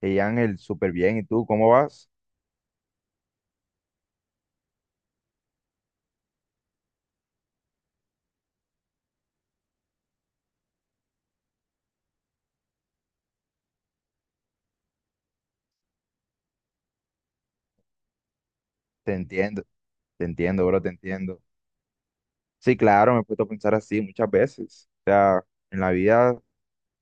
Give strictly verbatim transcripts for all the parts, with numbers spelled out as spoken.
Hey Ángel, súper bien. ¿Y tú cómo vas? Te entiendo, te entiendo, bro, te entiendo. Sí, claro, me he puesto a pensar así muchas veces. O sea, en la vida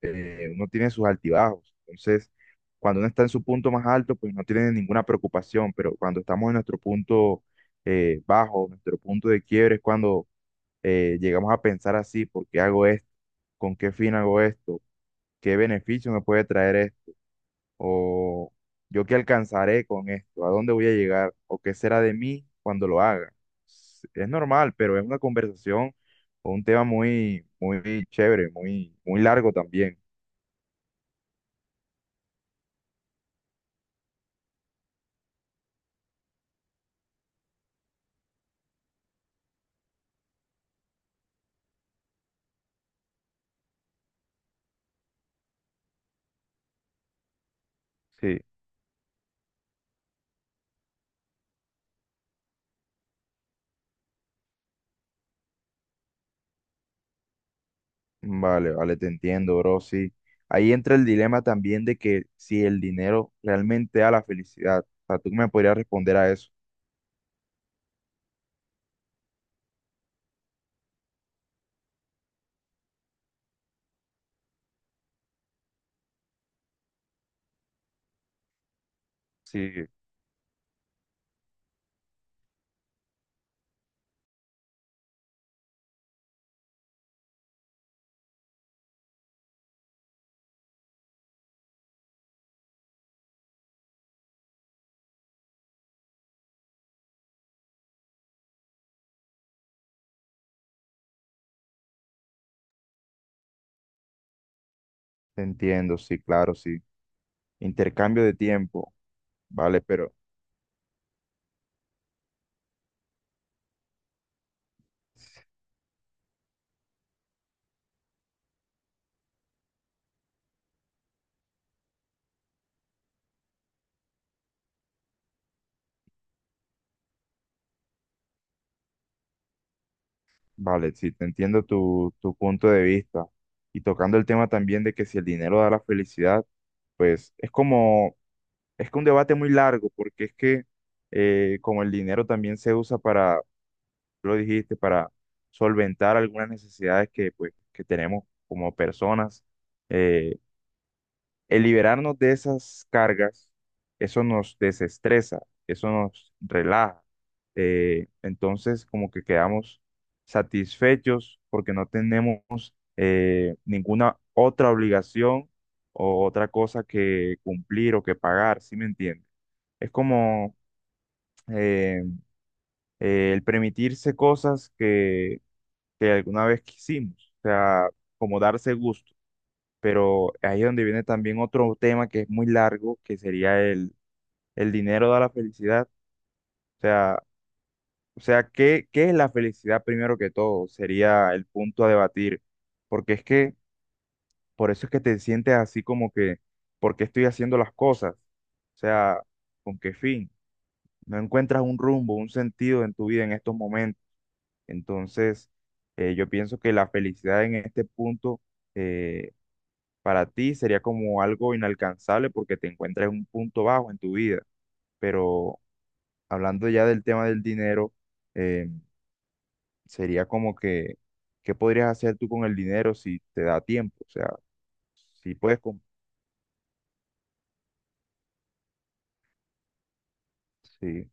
eh, uno tiene sus altibajos. Entonces, cuando uno está en su punto más alto, pues no tiene ninguna preocupación. Pero cuando estamos en nuestro punto eh, bajo, nuestro punto de quiebre, es cuando eh, llegamos a pensar así, ¿por qué hago esto? ¿Con qué fin hago esto? ¿Qué beneficio me puede traer esto? O yo qué alcanzaré con esto, ¿a dónde voy a llegar o qué será de mí cuando lo haga? S- Es normal, pero es una conversación o un tema muy, muy chévere, muy, muy largo también. Sí, vale, vale, te entiendo, bro, sí. Ahí entra el dilema también de que si el dinero realmente da la felicidad. O sea, tú me podrías responder a eso. Sí, te entiendo, sí, claro, sí. Intercambio de tiempo, vale, pero vale, sí, te entiendo tu, tu punto de vista. Y tocando el tema también de que si el dinero da la felicidad, pues es como, es que un debate muy largo, porque es que eh, como el dinero también se usa para, tú lo dijiste, para solventar algunas necesidades que, pues, que tenemos como personas, eh, el liberarnos de esas cargas, eso nos desestresa, eso nos relaja. Eh, entonces, como que quedamos satisfechos porque no tenemos eh, ninguna otra obligación o otra cosa que cumplir o que pagar, ¿sí me entiendes? Es como eh, eh, el permitirse cosas que, que alguna vez quisimos, o sea, como darse gusto. Pero ahí es donde viene también otro tema que es muy largo, que sería el, el dinero da la felicidad. O sea, o sea, ¿qué, qué es la felicidad primero que todo? Sería el punto a debatir. Porque es que, por eso es que te sientes así como que, ¿por qué estoy haciendo las cosas? O sea, ¿con qué fin? No encuentras un rumbo, un sentido en tu vida en estos momentos. Entonces, eh, yo pienso que la felicidad en este punto eh, para ti sería como algo inalcanzable porque te encuentras en un punto bajo en tu vida. Pero hablando ya del tema del dinero, eh, sería como que, ¿qué podrías hacer tú con el dinero si te da tiempo? O sea, si puedes... com- Sí,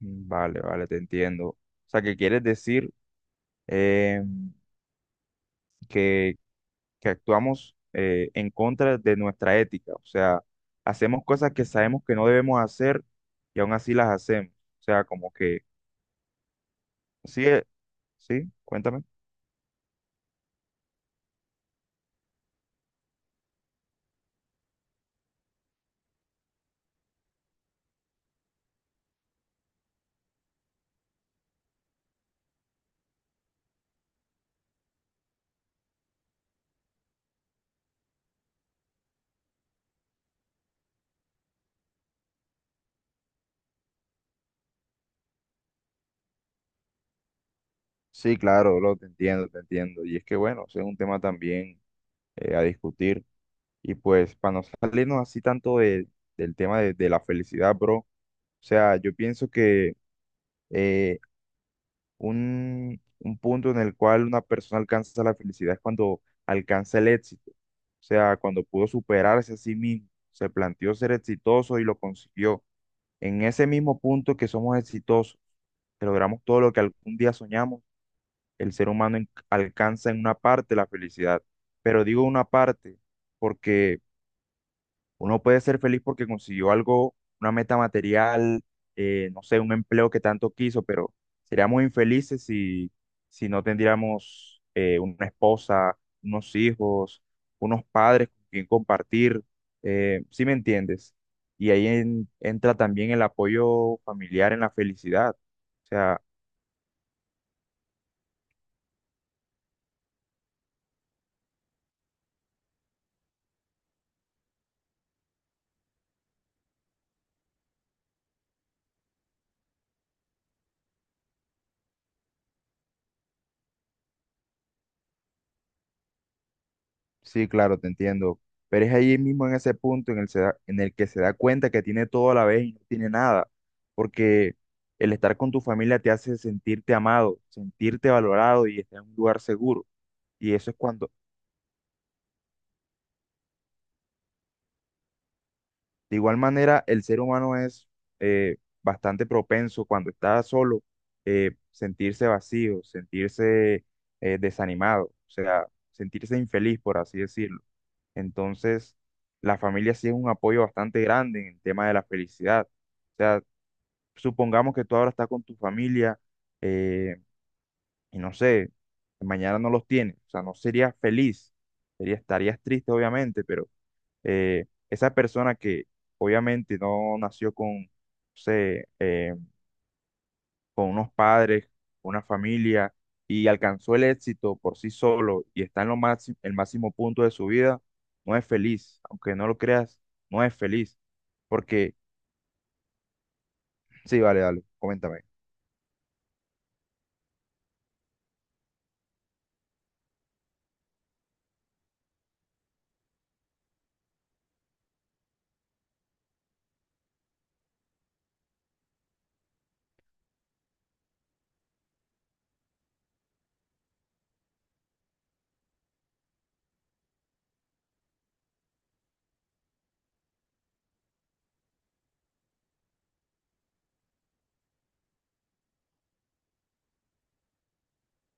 mm, vale, vale, te entiendo. O sea, que quieres decir eh, que, que actuamos eh, en contra de nuestra ética. O sea, hacemos cosas que sabemos que no debemos hacer y aún así las hacemos. O sea, como que... Sí, sí, cuéntame. Sí, claro, lo te entiendo, te entiendo. Y es que bueno, ese es un tema también eh, a discutir. Y pues para no salirnos así tanto de- del tema de, de la felicidad, bro. O sea, yo pienso que eh, un, un punto en el cual una persona alcanza la felicidad es cuando alcanza el éxito. O sea, cuando pudo superarse a sí mismo, se planteó ser exitoso y lo consiguió. En ese mismo punto que somos exitosos, que logramos todo lo que algún día soñamos el ser humano en- alcanza en una parte la felicidad, pero digo una parte porque uno puede ser feliz porque consiguió algo, una meta material, eh, no sé, un empleo que tanto quiso, pero seríamos infelices si, si no tendríamos eh, una esposa, unos hijos, unos padres con quien compartir, eh, ¿sí me entiendes? Y ahí en- entra también el apoyo familiar en la felicidad. O sea, sí, claro, te entiendo. Pero es ahí mismo en ese punto en el, se da- en el que se da cuenta que tiene todo a la vez y no tiene nada. Porque el estar con tu familia te hace sentirte amado, sentirte valorado y estar en un lugar seguro. Y eso es cuando de igual manera, el ser humano es eh, bastante propenso cuando está solo eh, sentirse vacío, sentirse eh, desanimado, o sea, sentirse infeliz, por así decirlo. Entonces, la familia sí es un apoyo bastante grande en el tema de la felicidad. O sea, supongamos que tú ahora estás con tu familia eh, y no sé, mañana no los tienes, o sea, no serías feliz, sería- estarías triste obviamente, pero eh, esa persona que obviamente no nació con, no sé, eh, con unos padres, una familia y alcanzó el éxito por sí solo y está en lo máximo, el máximo punto de su vida, no es feliz, aunque no lo creas, no es feliz, porque sí, vale, dale, coméntame.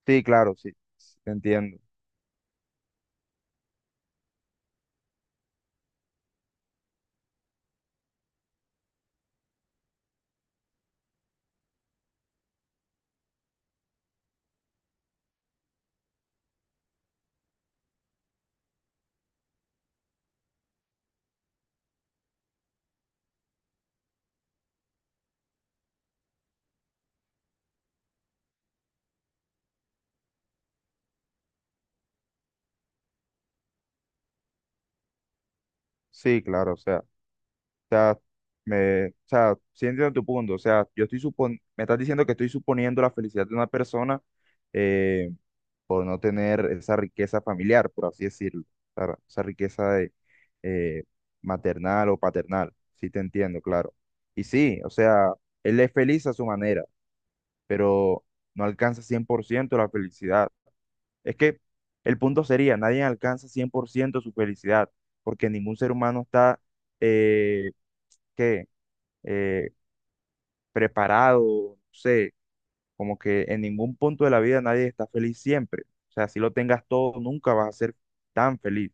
Sí, claro, sí, sí, te entiendo. Sí, claro, o sea, o sea, me, o sea, sí entiendo tu punto, o sea, yo estoy supon, me estás diciendo que estoy suponiendo la felicidad de una persona eh, por no tener esa riqueza familiar, por así decirlo, claro, esa riqueza de, eh, maternal o paternal, sí te entiendo, claro. Y sí, o sea, él es feliz a su manera, pero no alcanza cien por ciento la felicidad. Es que el punto sería, nadie alcanza cien por ciento su felicidad, porque ningún ser humano está, eh, ¿qué? Eh, preparado, no sé, como que en ningún punto de la vida nadie está feliz siempre. O sea, si lo tengas todo, nunca vas a ser tan feliz.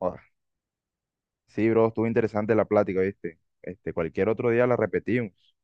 Ah, sí, bro, estuvo interesante la plática, ¿viste? Este, cualquier otro día la repetimos.